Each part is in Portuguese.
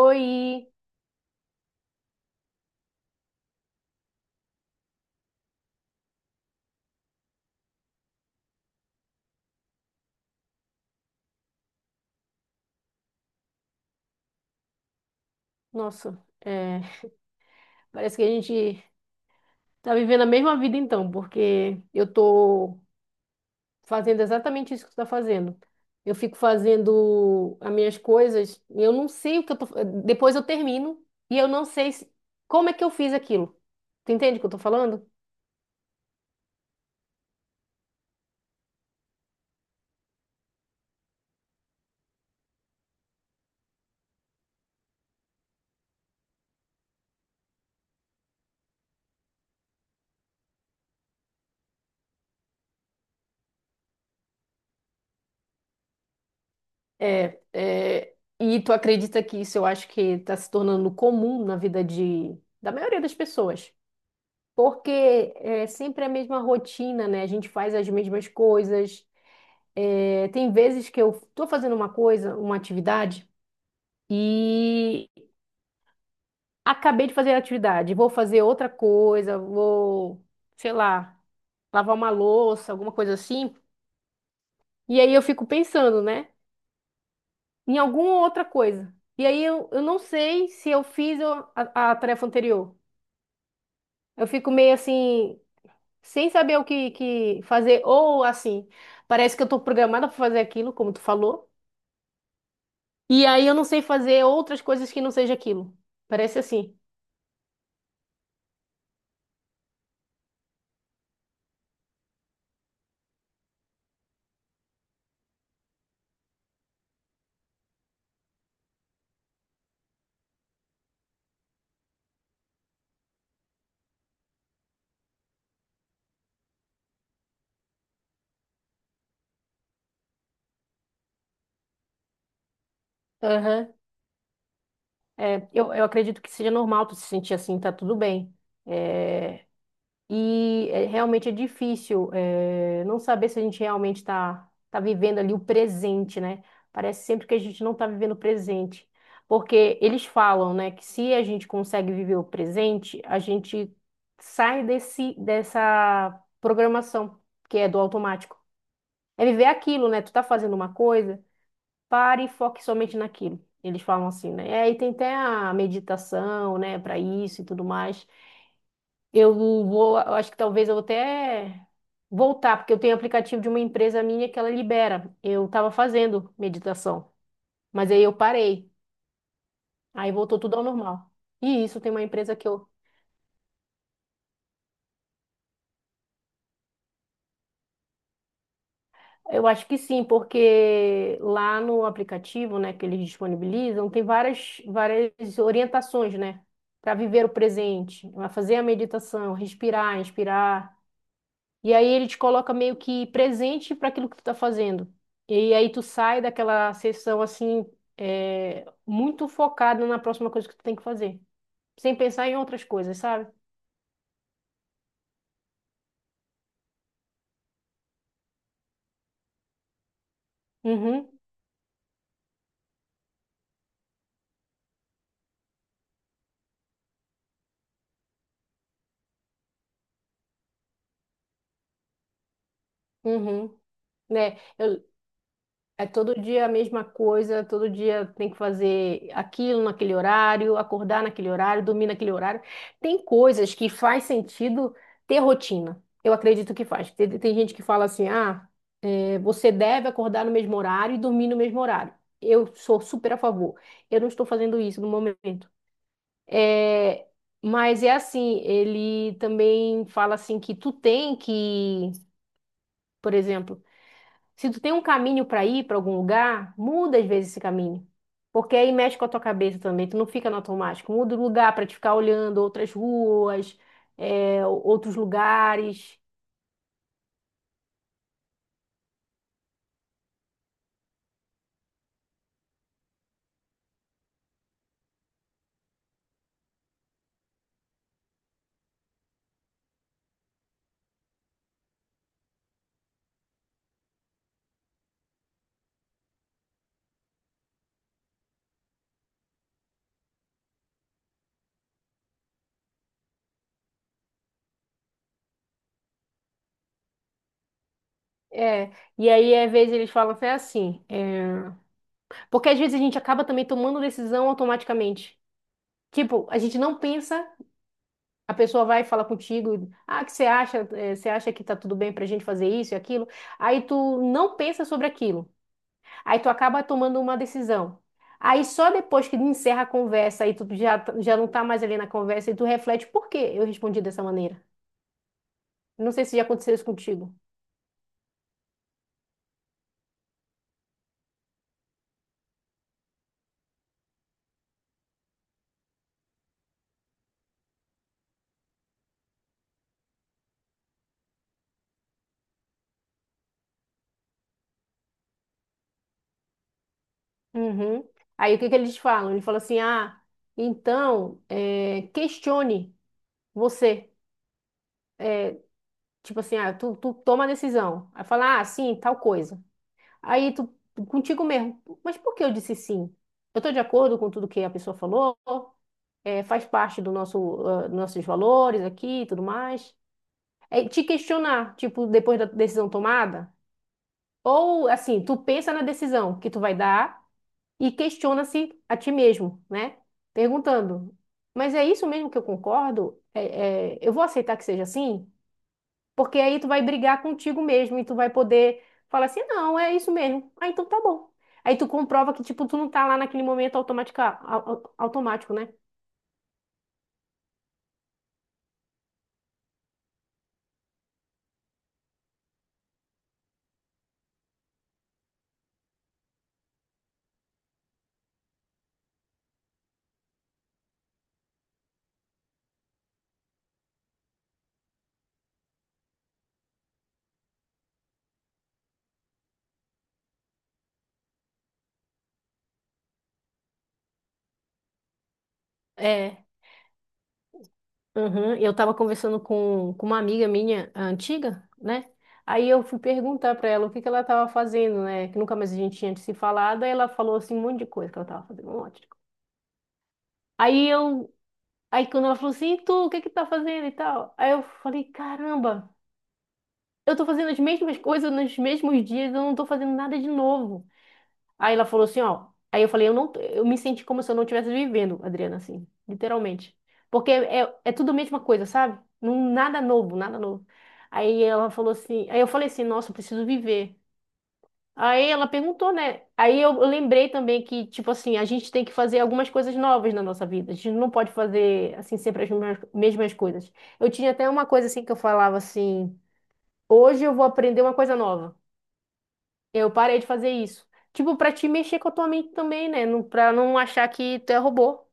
Oi! Nossa, é, parece que a gente tá vivendo a mesma vida então, porque eu tô fazendo exatamente isso que tu tá fazendo. Eu fico fazendo as minhas coisas e eu não sei o que eu tô. Depois eu termino e eu não sei como é que eu fiz aquilo. Tu entende o que eu tô falando? É, e tu acredita que isso eu acho que está se tornando comum da maioria das pessoas. Porque é sempre a mesma rotina, né? A gente faz as mesmas coisas. É, tem vezes que eu estou fazendo uma coisa, uma atividade, e acabei de fazer a atividade, vou fazer outra coisa, vou, sei lá, lavar uma louça, alguma coisa assim. E aí eu fico pensando, né, em alguma outra coisa. E aí eu não sei se eu fiz a tarefa anterior. Eu fico meio assim, sem saber o que fazer, ou assim, parece que eu estou programada para fazer aquilo, como tu falou. E aí eu não sei fazer outras coisas que não seja aquilo. Parece assim. Aham. É, eu acredito que seja normal tu se sentir assim, tá tudo bem. É, e é, realmente é difícil não saber se a gente realmente tá vivendo ali o presente, né? Parece sempre que a gente não tá vivendo o presente. Porque eles falam, né, que se a gente consegue viver o presente, a gente sai dessa programação que é do automático. É viver aquilo, né? Tu tá fazendo uma coisa. Pare e foque somente naquilo. Eles falam assim, né? É, e tem até a meditação, né, para isso e tudo mais. Eu acho que talvez eu vou até voltar, porque eu tenho um aplicativo de uma empresa minha que ela libera. Eu estava fazendo meditação, mas aí eu parei. Aí voltou tudo ao normal. E isso tem uma empresa que eu acho que sim, porque lá no aplicativo, né, que eles disponibilizam, tem várias orientações, né, para viver o presente, para fazer a meditação, respirar, inspirar. E aí ele te coloca meio que presente para aquilo que tu tá fazendo. E aí tu sai daquela sessão assim, muito focado na próxima coisa que tu tem que fazer, sem pensar em outras coisas, sabe? Uhum, uhum, né? Eu, é todo dia a mesma coisa, todo dia tem que fazer aquilo naquele horário, acordar naquele horário, dormir naquele horário. Tem coisas que faz sentido ter rotina. Eu acredito que faz. Tem gente que fala assim: ah, é, você deve acordar no mesmo horário e dormir no mesmo horário. Eu sou super a favor. Eu não estou fazendo isso no momento. É, mas é assim: ele também fala assim que tu tem que, por exemplo, se tu tem um caminho para ir para algum lugar, muda às vezes esse caminho. Porque aí mexe com a tua cabeça também, tu não fica no automático. Muda o lugar para te ficar olhando outras ruas, é, outros lugares. É. E aí, às vezes, eles falam até assim. Porque às vezes a gente acaba também tomando decisão automaticamente. Tipo, a gente não pensa, a pessoa vai falar contigo, ah, que você acha, é, você acha que tá tudo bem pra gente fazer isso e aquilo. Aí tu não pensa sobre aquilo. Aí tu acaba tomando uma decisão. Aí só depois que encerra a conversa e tu já, já não tá mais ali na conversa e tu reflete por que eu respondi dessa maneira. Não sei se já aconteceu isso contigo. Uhum. Aí o que que eles falam? Ele fala assim, ah, então, questione você. Tipo assim, ah, tu toma a decisão. Aí fala, ah, sim, tal coisa. Aí tu, contigo mesmo, mas por que eu disse sim? Eu tô de acordo com tudo que a pessoa falou, é faz parte ah, nossos valores aqui e tudo mais. É te questionar, tipo, depois da decisão tomada. Ou, assim, tu pensa na decisão que tu vai dar e questiona-se a ti mesmo, né? Perguntando, mas é isso mesmo que eu concordo? É, eu vou aceitar que seja assim? Porque aí tu vai brigar contigo mesmo e tu vai poder falar assim, não, é isso mesmo. Ah, então tá bom. Aí tu comprova que, tipo, tu não tá lá naquele momento automática, automático, né? É. Uhum. Eu estava conversando com uma amiga minha a antiga, né? Aí eu fui perguntar para ela o que que ela estava fazendo, né? Que nunca mais a gente tinha se falado. Aí ela falou assim um monte de coisa que ela estava fazendo, um monte de coisa. Aí eu, aí quando ela falou assim, "E tu, o que que tá fazendo e tal? Aí eu falei, caramba, eu tô fazendo as mesmas coisas nos mesmos dias, eu não tô fazendo nada de novo. Aí ela falou assim, ó. Aí eu falei, eu não, eu me senti como se eu não estivesse vivendo, Adriana, assim, literalmente. Porque é tudo a mesma coisa, sabe? Não, nada novo, nada novo. Aí ela falou assim, aí eu falei assim, nossa, eu preciso viver. Aí ela perguntou, né? Aí eu lembrei também que, tipo assim, a gente tem que fazer algumas coisas novas na nossa vida. A gente não pode fazer, assim, sempre as mesmas coisas. Eu tinha até uma coisa, assim, que eu falava assim, hoje eu vou aprender uma coisa nova. Eu parei de fazer isso. Tipo, pra te mexer com a tua mente também, né? Não, pra não achar que tu é robô.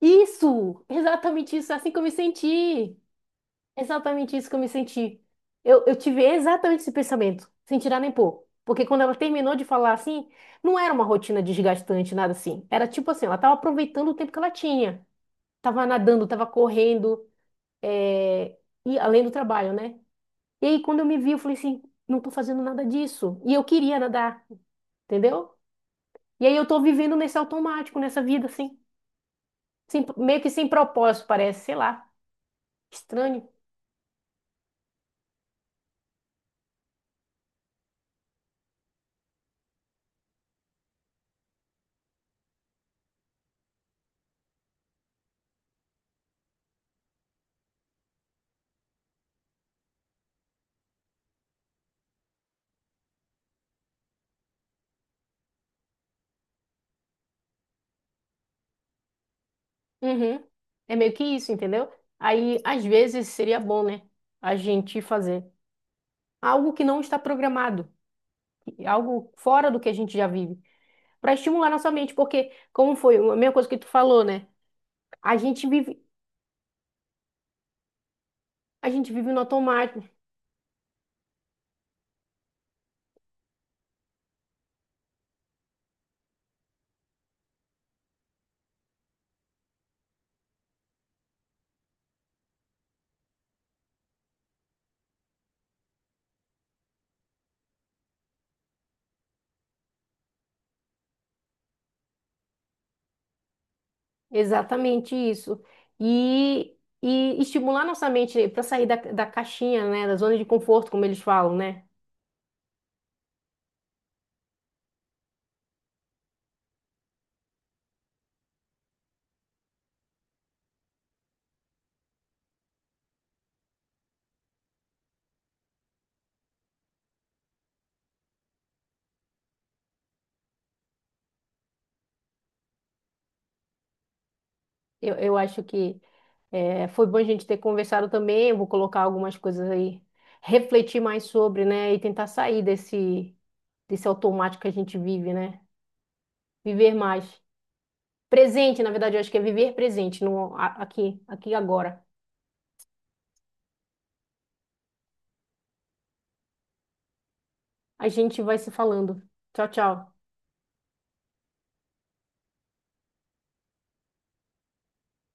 Isso! Exatamente isso, é assim que eu me senti. Exatamente isso que eu me senti. Eu tive exatamente esse pensamento, sem tirar nem pôr. Porque quando ela terminou de falar assim, não era uma rotina desgastante, nada assim. Era tipo assim, ela tava aproveitando o tempo que ela tinha. Tava nadando, tava correndo, é, e além do trabalho, né? E aí, quando eu me vi, eu falei assim, não tô fazendo nada disso. E eu queria nadar, entendeu? E aí eu tô vivendo nesse automático, nessa vida, assim. Meio que sem propósito, parece, sei lá. Estranho. Uhum. É meio que isso, entendeu? Aí, às vezes, seria bom, né? A gente fazer algo que não está programado, algo fora do que a gente já vive, para estimular nossa mente, porque, como foi a mesma coisa que tu falou, né? A gente vive, a gente vive no automático. Exatamente isso. E, e estimular nossa mente para sair da caixinha, né? Da zona de conforto, como eles falam, né? Eu acho que foi bom a gente ter conversado também. Eu vou colocar algumas coisas aí, refletir mais sobre, né? E tentar sair desse automático que a gente vive, né? Viver mais. Presente, na verdade, eu acho que é viver presente, no, aqui, aqui e agora. A gente vai se falando. Tchau, tchau.